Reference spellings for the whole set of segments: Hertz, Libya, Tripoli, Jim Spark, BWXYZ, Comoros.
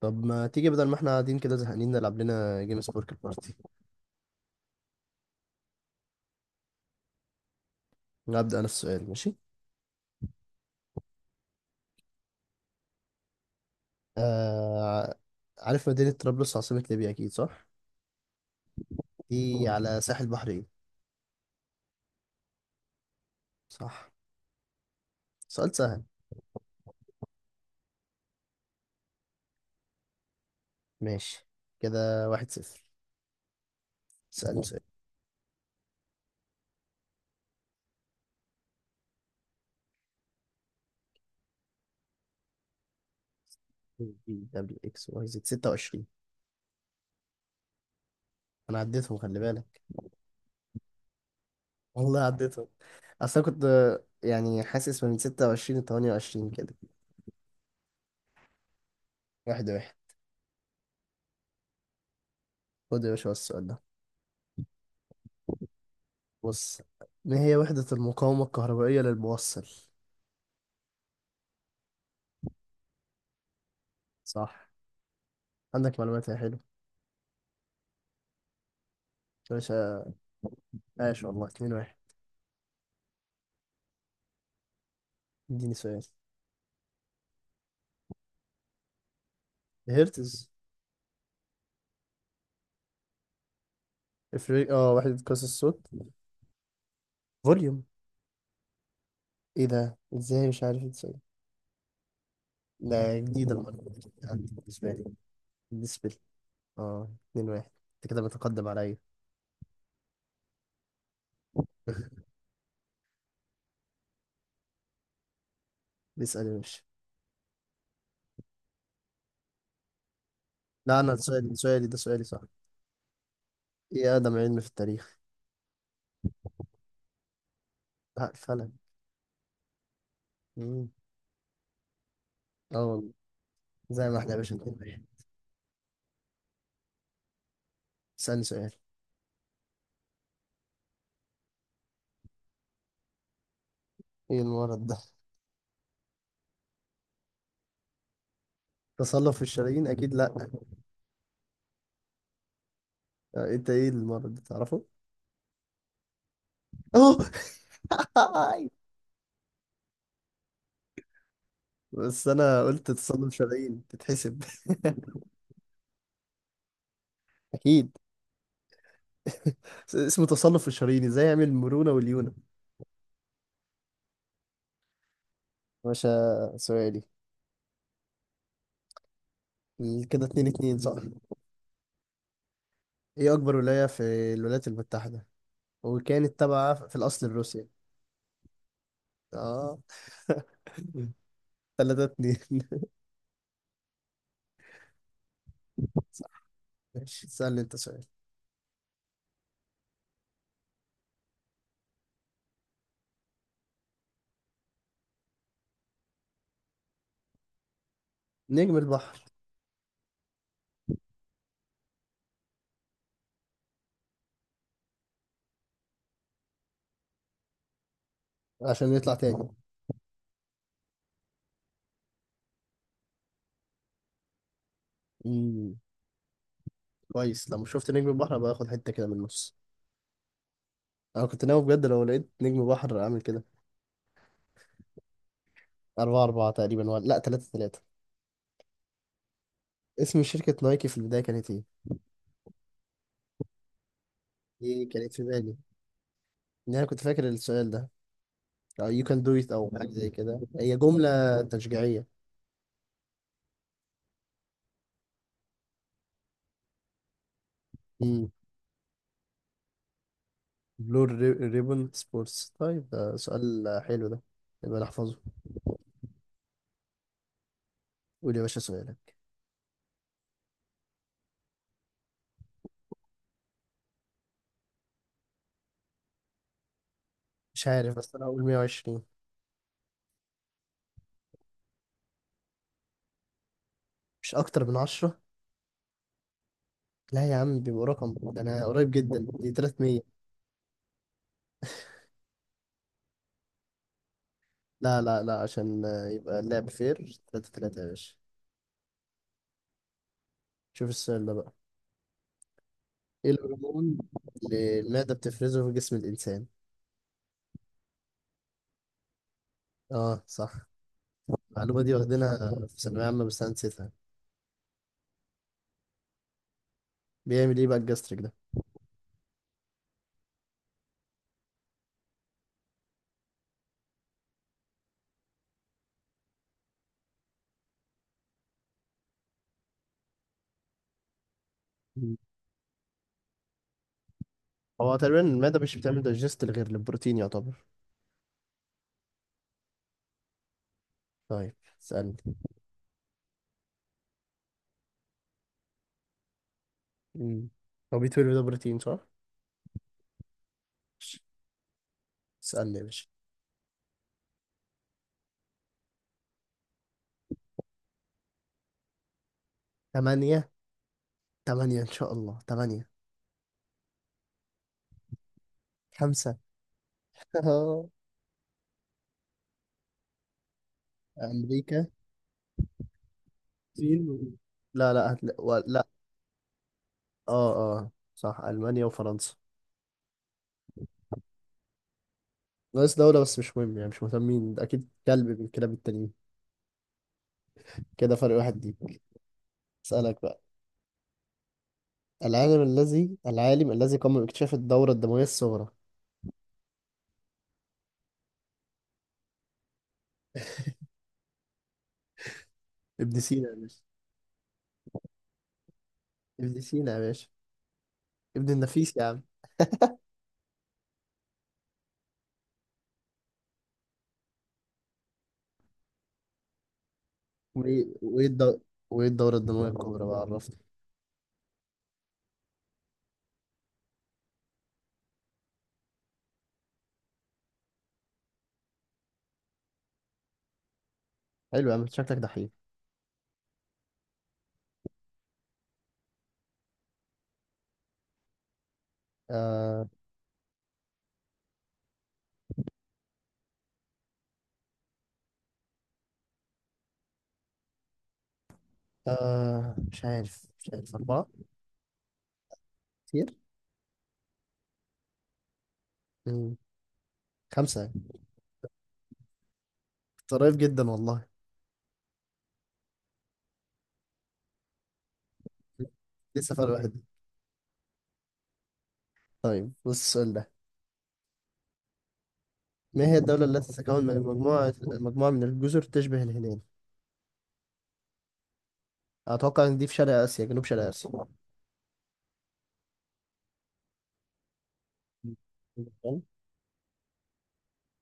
طب ما تيجي بدل ما احنا قاعدين كده زهقانين نلعب لنا جيم سبورك البارتي. هبدأ انا السؤال، ماشي. آه... عارف مدينة طرابلس عاصمة ليبيا اكيد؟ صح، دي على ساحل بحرين. صح. سؤال سهل. ماشي، كده واحد صفر. سألني سؤال. بي دبليو اكس واي زد، 26. انا عديتهم خلي بالك. والله عديتهم. اصل أنا كنت، يعني حاسس من 26 ل 28 كده. واحد واحد. خد يا باشا السؤال ده. بص، ما هي وحدة المقاومة الكهربائية للموصل؟ صح، عندك معلومات يا حلو. يا باشا، عاش والله، 2 واحد. اديني سؤال. هرتز. افريق اه وحدة قياس الصوت. فوليوم. ايه ده، ازاي مش عارف ازاي؟ لا، جديدة المعلومة دي عندي. بالنسبة لي. اه، 2 واحد، انت كده بتقدم عليا. اسأل يا باشا. لا انا سؤالي، سؤالي ده صح. ايه اقدم علم في التاريخ؟ لا، الفلك. مم. اه والله. زي ما احنا يا باشا 2 واحد. اسألني سؤال. ايه المرض ده؟ تصلب في الشرايين اكيد. لا، انت ايه المرض ده تعرفه؟ اهو. بس انا قلت تصنف شرايين تتحسب. اكيد. اسمه تصنف الشرايين، ازاي يعمل المرونة واليونة. باشا سؤالي. كده اتنين اتنين صح. ايه اكبر ولاية في الولايات المتحدة وكانت تابعة في الاصل لروسيا؟ اه. تلاتة اتنين. صح. ماشي، سألني انت سؤال. نجم البحر. عشان نطلع تاني. مم. كويس، لما شفت نجم البحر ابقى اخد حتة كده من النص. انا كنت ناوي بجد لو لقيت نجم بحر اعمل كده. أربعة أربعة تقريبا، ولا لأ، تلاتة تلاتة. اسم شركة نايكي في البداية كانت إيه؟ دي كانت في بالي، إن أنا كنت فاكر السؤال ده. أو you can do it أو حاجة زي كده، هي جملة تشجيعية. مم. بلور. ريبون سبورتس. طيب ده سؤال حلو ده، يبقى نحفظه. قول يا باشا سؤالك. مش عارف، بس أنا هقول 120. مش أكتر من 10. لا يا عم بيبقى رقم ده، أنا قريب جدا، دي 300. لا لا لا، عشان يبقى اللعب فير، 3 3 يا باشا. شوف السؤال ده بقى. ايه الهرمون اللي المعدة بتفرزه في جسم الإنسان؟ اه صح. المعلومة دي واخدينها في ثانوية عامة بس أنا نسيتها. بيعمل ايه بقى الجاستريك ده؟ مم. هو تقريبا المعدة مش بتعمل دايجست غير للبروتين يعتبر. طيب، اسألني. مم. هو بي 12 ده بروتين صح؟ ماشي. اسألني يا باشا. تمانية. تمانية إن شاء الله، تمانية. خمسة. أمريكا. الصين و- لا لا، هتلا و لا. اه. اه صح، ألمانيا وفرنسا. ناقص دولة بس مش مهم، يعني مش مهتمين، أكيد كلب من الكلاب التانيين. كده فرق واحد ليك. اسألك بقى. العالم الذي قام باكتشاف الدورة الدموية الصغرى؟ ابن سينا يا باشا. ابن سينا يا باشا. ابن النفيس يا عم. وايه وايه الدو... وايه الدورة الدموية الكبرى بقى، عرفني. حلو يا عم، شكلك دحيح. آه... مش عارف، أربعة. كتير. مم. خمسة يعني. قريب جدا والله. لسه فرق واحد. طيب بص السؤال ده. ما هي الدولة التي تتكون من مجموعة من الجزر تشبه الهلال؟ أتوقع إن دي في شرق آسيا، جنوب شرق آسيا.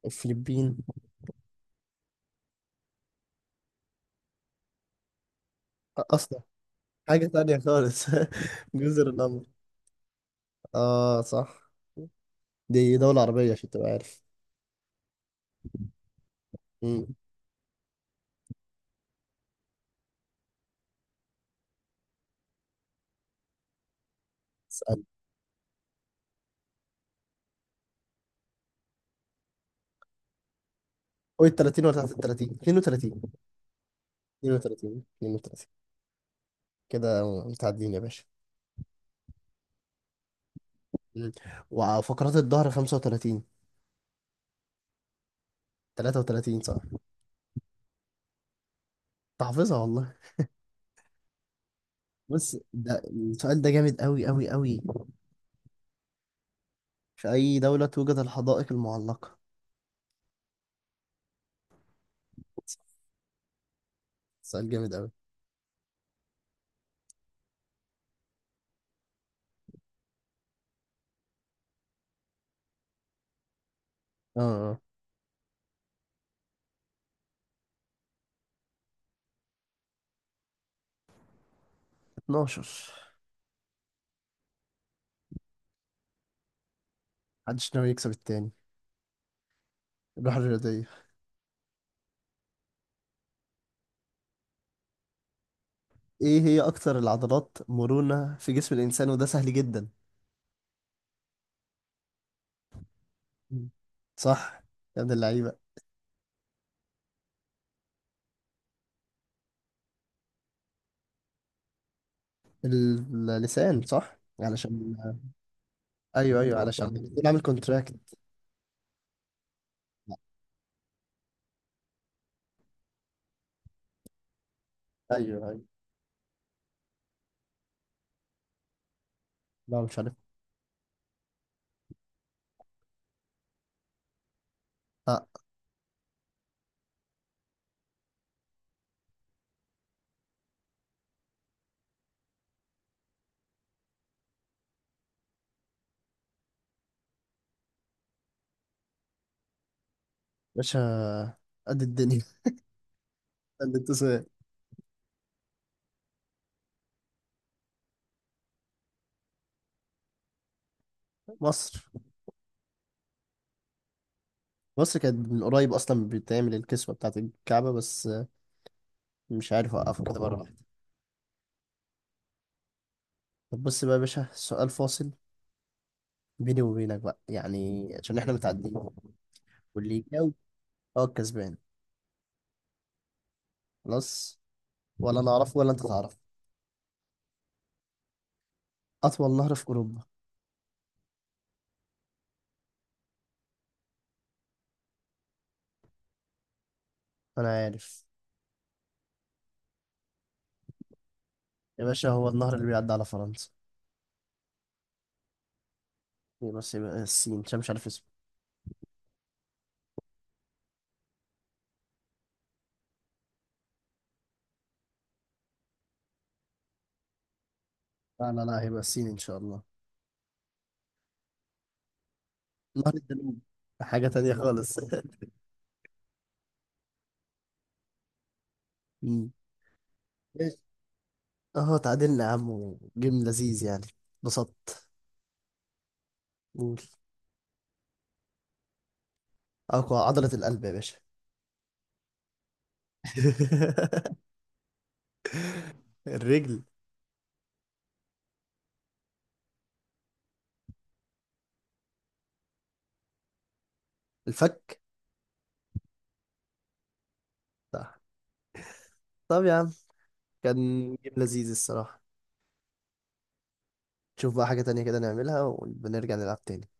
الفلبين أصلا. حاجة تانية خالص. جزر القمر. آه صح. دي دولة عربية عشان تبقى عارف. مم. اسأل. قول 30 ولا 33، 32، 32 32 كده. متعدين يا باشا. مم. وفقرات الظهر 35. 33 صح. تحفظها والله. بص ده السؤال ده جامد أوي أوي أوي. في أي دولة توجد الحدائق المعلقة؟ سؤال جامد أوي. آه. 12. محدش ناوي يكسب التاني، الروح الرياضية. ايه هي اكتر العضلات مرونة في جسم الانسان، وده سهل جدا. مم. صح. يا ابن اللعيبة. ال- اللسان صح، علشان، ايوه ايوه، علشان بنعمل عامل كونتراكت. ايوه ايوه. لا مش عارف. اه. باشا، قد الدنيا، قد التسويق. مصر. مصر كانت من قريب اصلا بتعمل الكسوة بتاعت الكعبة بس. مش عارف اوقفه كده مرة واحدة. طب بص بقى يا باشا سؤال فاصل بيني وبينك بقى، يعني عشان احنا متعدين، واللي يجاوب هو الكسبان. خلاص، ولا انا اعرفه ولا انت تعرف. اطول نهر في اوروبا. انا عارف. يا باشا هو النهر اللي بيعدي على فرنسا. يبقى، بس يبقى السين عشان مش عارف اسمه. لا لا لا، هيبقى السين ان شاء الله. نهر الدانوب. حاجة تانية خالص. مم. ماشي. اهو تعادلنا يا عم، وجيم لذيذ يعني. انبسطت. قول. اقوى عضلة القلب يا باشا. الرجل. الفك. صح. طب يا عم كان جيم لذيذ الصراحة. نشوف بقى حاجة تانية كده نعملها ونرجع نلعب تاني.